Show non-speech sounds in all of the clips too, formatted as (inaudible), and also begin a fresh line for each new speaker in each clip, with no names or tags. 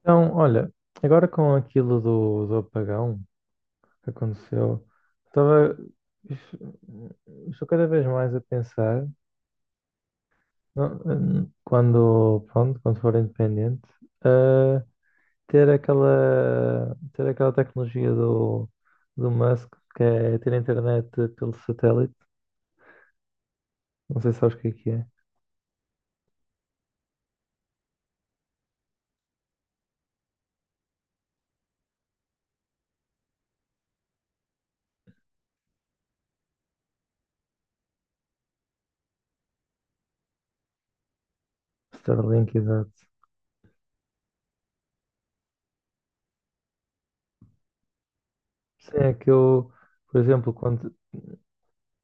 Então, olha, agora com aquilo do apagão que aconteceu, estava, estou cada vez mais a pensar, não, quando, pronto, quando for independente, a ter aquela tecnologia do Musk, que é ter internet pelo satélite, não sei se sabes o que é, Starlink, exato. Sim, é que eu, por exemplo, quando,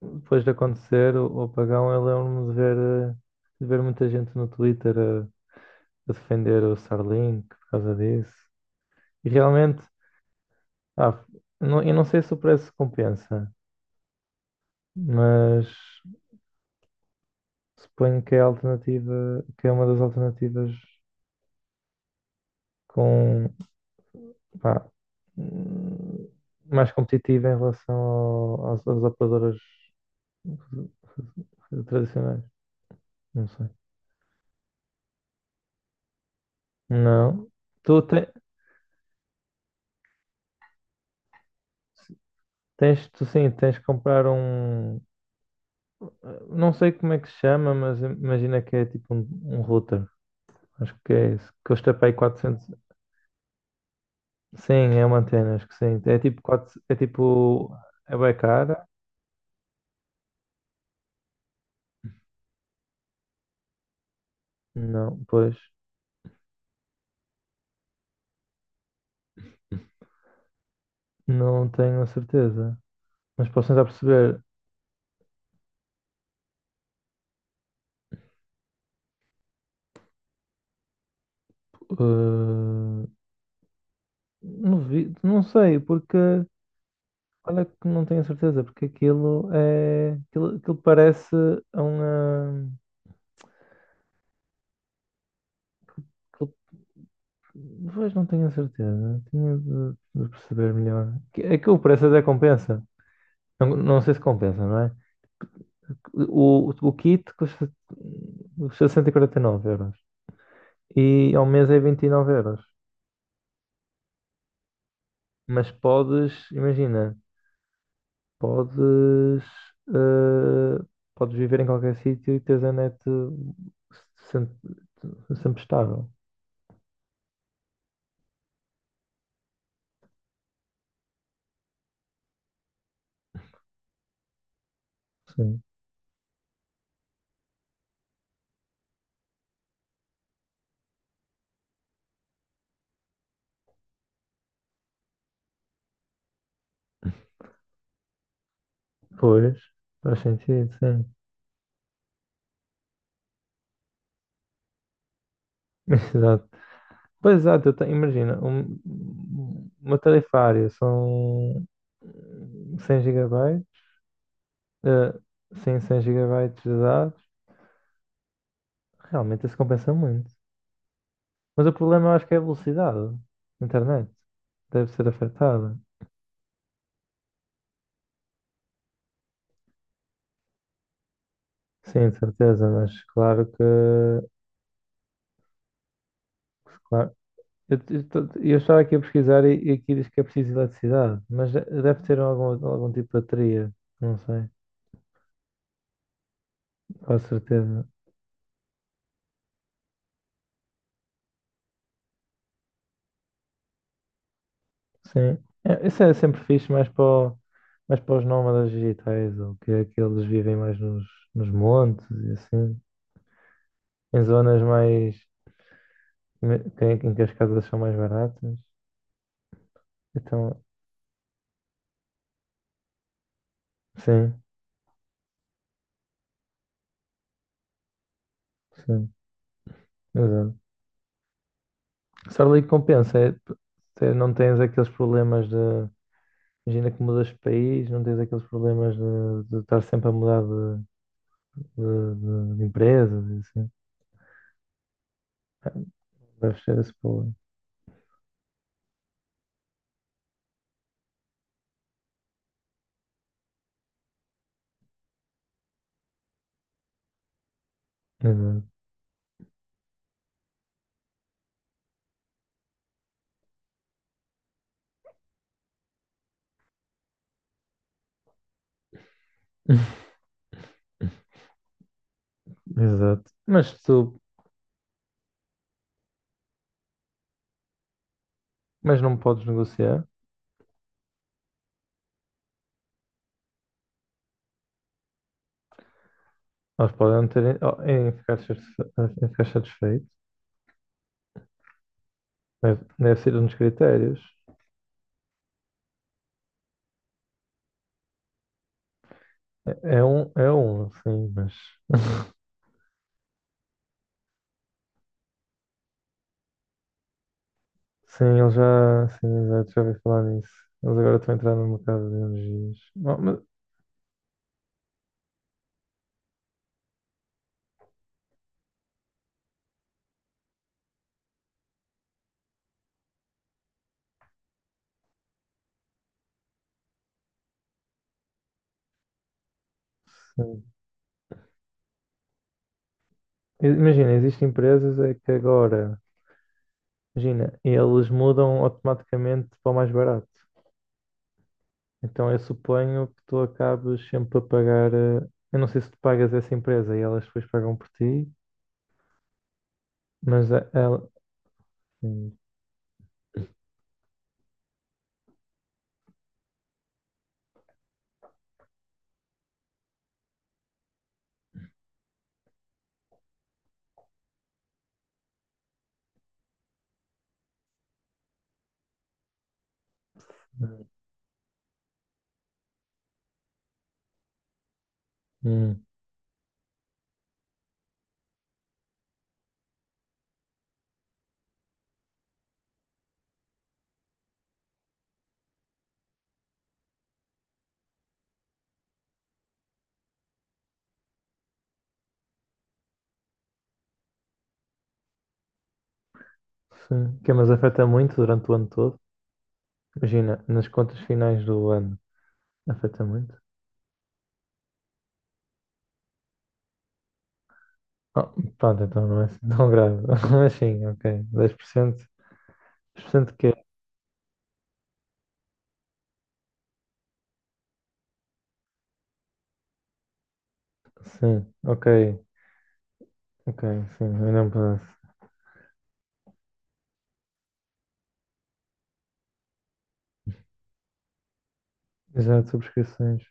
depois de acontecer o apagão, eu lembro-me de ver, eh, de ver muita gente no Twitter a defender o Starlink por causa disso. E realmente, ah, não, eu não sei se o preço compensa, mas suponho que é a alternativa, que é uma das alternativas com, pá, hum, mais competitiva em relação às operadoras tradicionais. Não sei. Não. Tu te- Tens, tu sim, tens que comprar um. Não sei como é que se chama, mas imagina que é tipo um router. Acho que é isso. Custa para aí 400. Sim, é uma antena, acho que sim. É tipo, quatro. É tipo. É bem cara? Não, pois. Não tenho a certeza. Mas posso tentar perceber. eh, não vi, não sei, porque. Olha que não tenho a certeza, porque aquilo é. Aquilo parece a uma. Pois não tenho a certeza. Tinha de perceber melhor. Aquilo parece até compensa. Não, não sei se compensa, não é? O kit custa 149 euros. E ao mês é 29 euros. Mas podes, imagina, podes, eh, podes viver em qualquer sítio e teres a net sempre, sempre estável. Sim. Pois, faz sentido, sim. (laughs) Exato. Pois exato, imagina, uma tarifária são 100 gigabytes, eh, sim, 100 gigabytes de dados, realmente isso compensa muito. Mas o problema eu acho que é a velocidade da internet. Deve ser afetada. Sim, de certeza, mas claro que. Claro, eu estava aqui a pesquisar e aqui diz que é preciso eletricidade, mas deve ter algum tipo de bateria, não sei, com certeza. Sim. É, isso é sempre fixe, mais para os nómadas digitais, ou que é que eles vivem mais nos montes e assim, em zonas mais em que as casas são mais baratas. Então, sim, sim, exato. Só ali que compensa, é, não tens aqueles problemas de. Imagina que mudas de país, não tens aqueles problemas de, estar sempre a mudar de, de empresas e assim. Deve ser esse problema. Exato. (laughs) Exato. Mas não podes negociar. Eles podem não terem oh, em ficar satisfeito. Deve ser um dos critérios. É um, sim, mas sim, eles já, sim, exato, já ouvi falar nisso. Eles agora estão a entrar no mercado de energias. Oh, mas, sim. Imagina, existem empresas é que agora, imagina, eles mudam automaticamente para o mais barato. Então eu suponho que tu acabes sempre a pagar. Eu não sei se tu pagas essa empresa e elas depois pagam por ti, mas ela. Hum, sim. Que, é, mas afeta muito durante o ano todo. Imagina, nas contas finais do ano, afeta muito. Ah, pronto, então não é assim tão grave. (laughs) Mas sim, ok, dez por cento que é. Sim, ok. Ok, sim, ainda um pedaço. Exato, subscrições.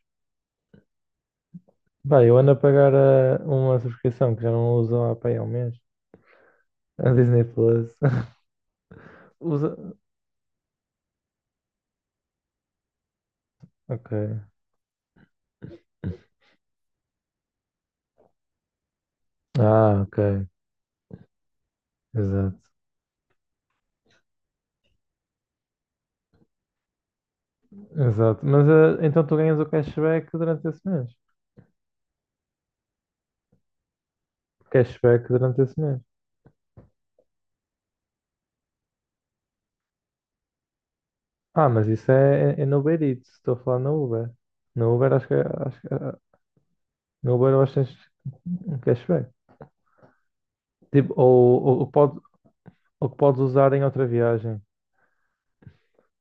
Pá, eu ando a pagar uma subscrição que já não uso há, pá, há um mês. A Disney Plus. (laughs) Usa. Ok. Ah, ok. Exato. Exato. Mas então tu ganhas o cashback durante esse mês. Cashback durante esse mês. Ah, mas isso é no Uber Eats, estou a falar no Uber. No Uber acho que no Uber eu acho que tens um cashback. Tipo, ou pode, ou que podes usar em outra viagem.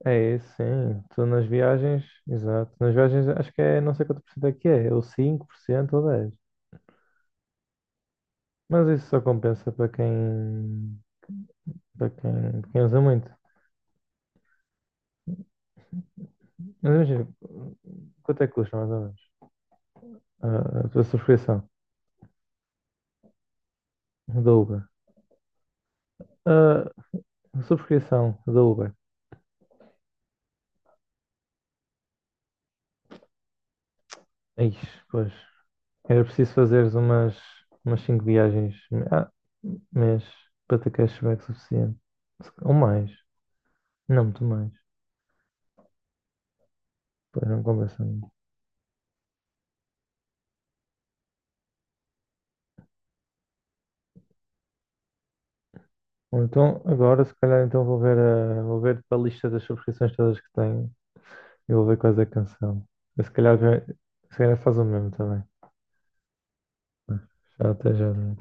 É isso, sim. Tu nas viagens, exato. Nas viagens acho que é não sei quanto por cento é que é, ou 5% ou 10%. Mas isso só compensa para quem usa muito. Mas imagina, quanto é que custa mais ou menos a tua subscrição da Uber? A subscrição da Uber. Ixi, pois. Era preciso fazeres umas cinco viagens ah, mês para ter cashback suficiente. Ou mais. Não, muito mais. Pois não compensa muito. Ou então, agora, se calhar, então vou ver para a lista das subscrições todas que tenho e vou ver quais é que cancelo. Eu, se calhar faz o mesmo também. Já até já. Né?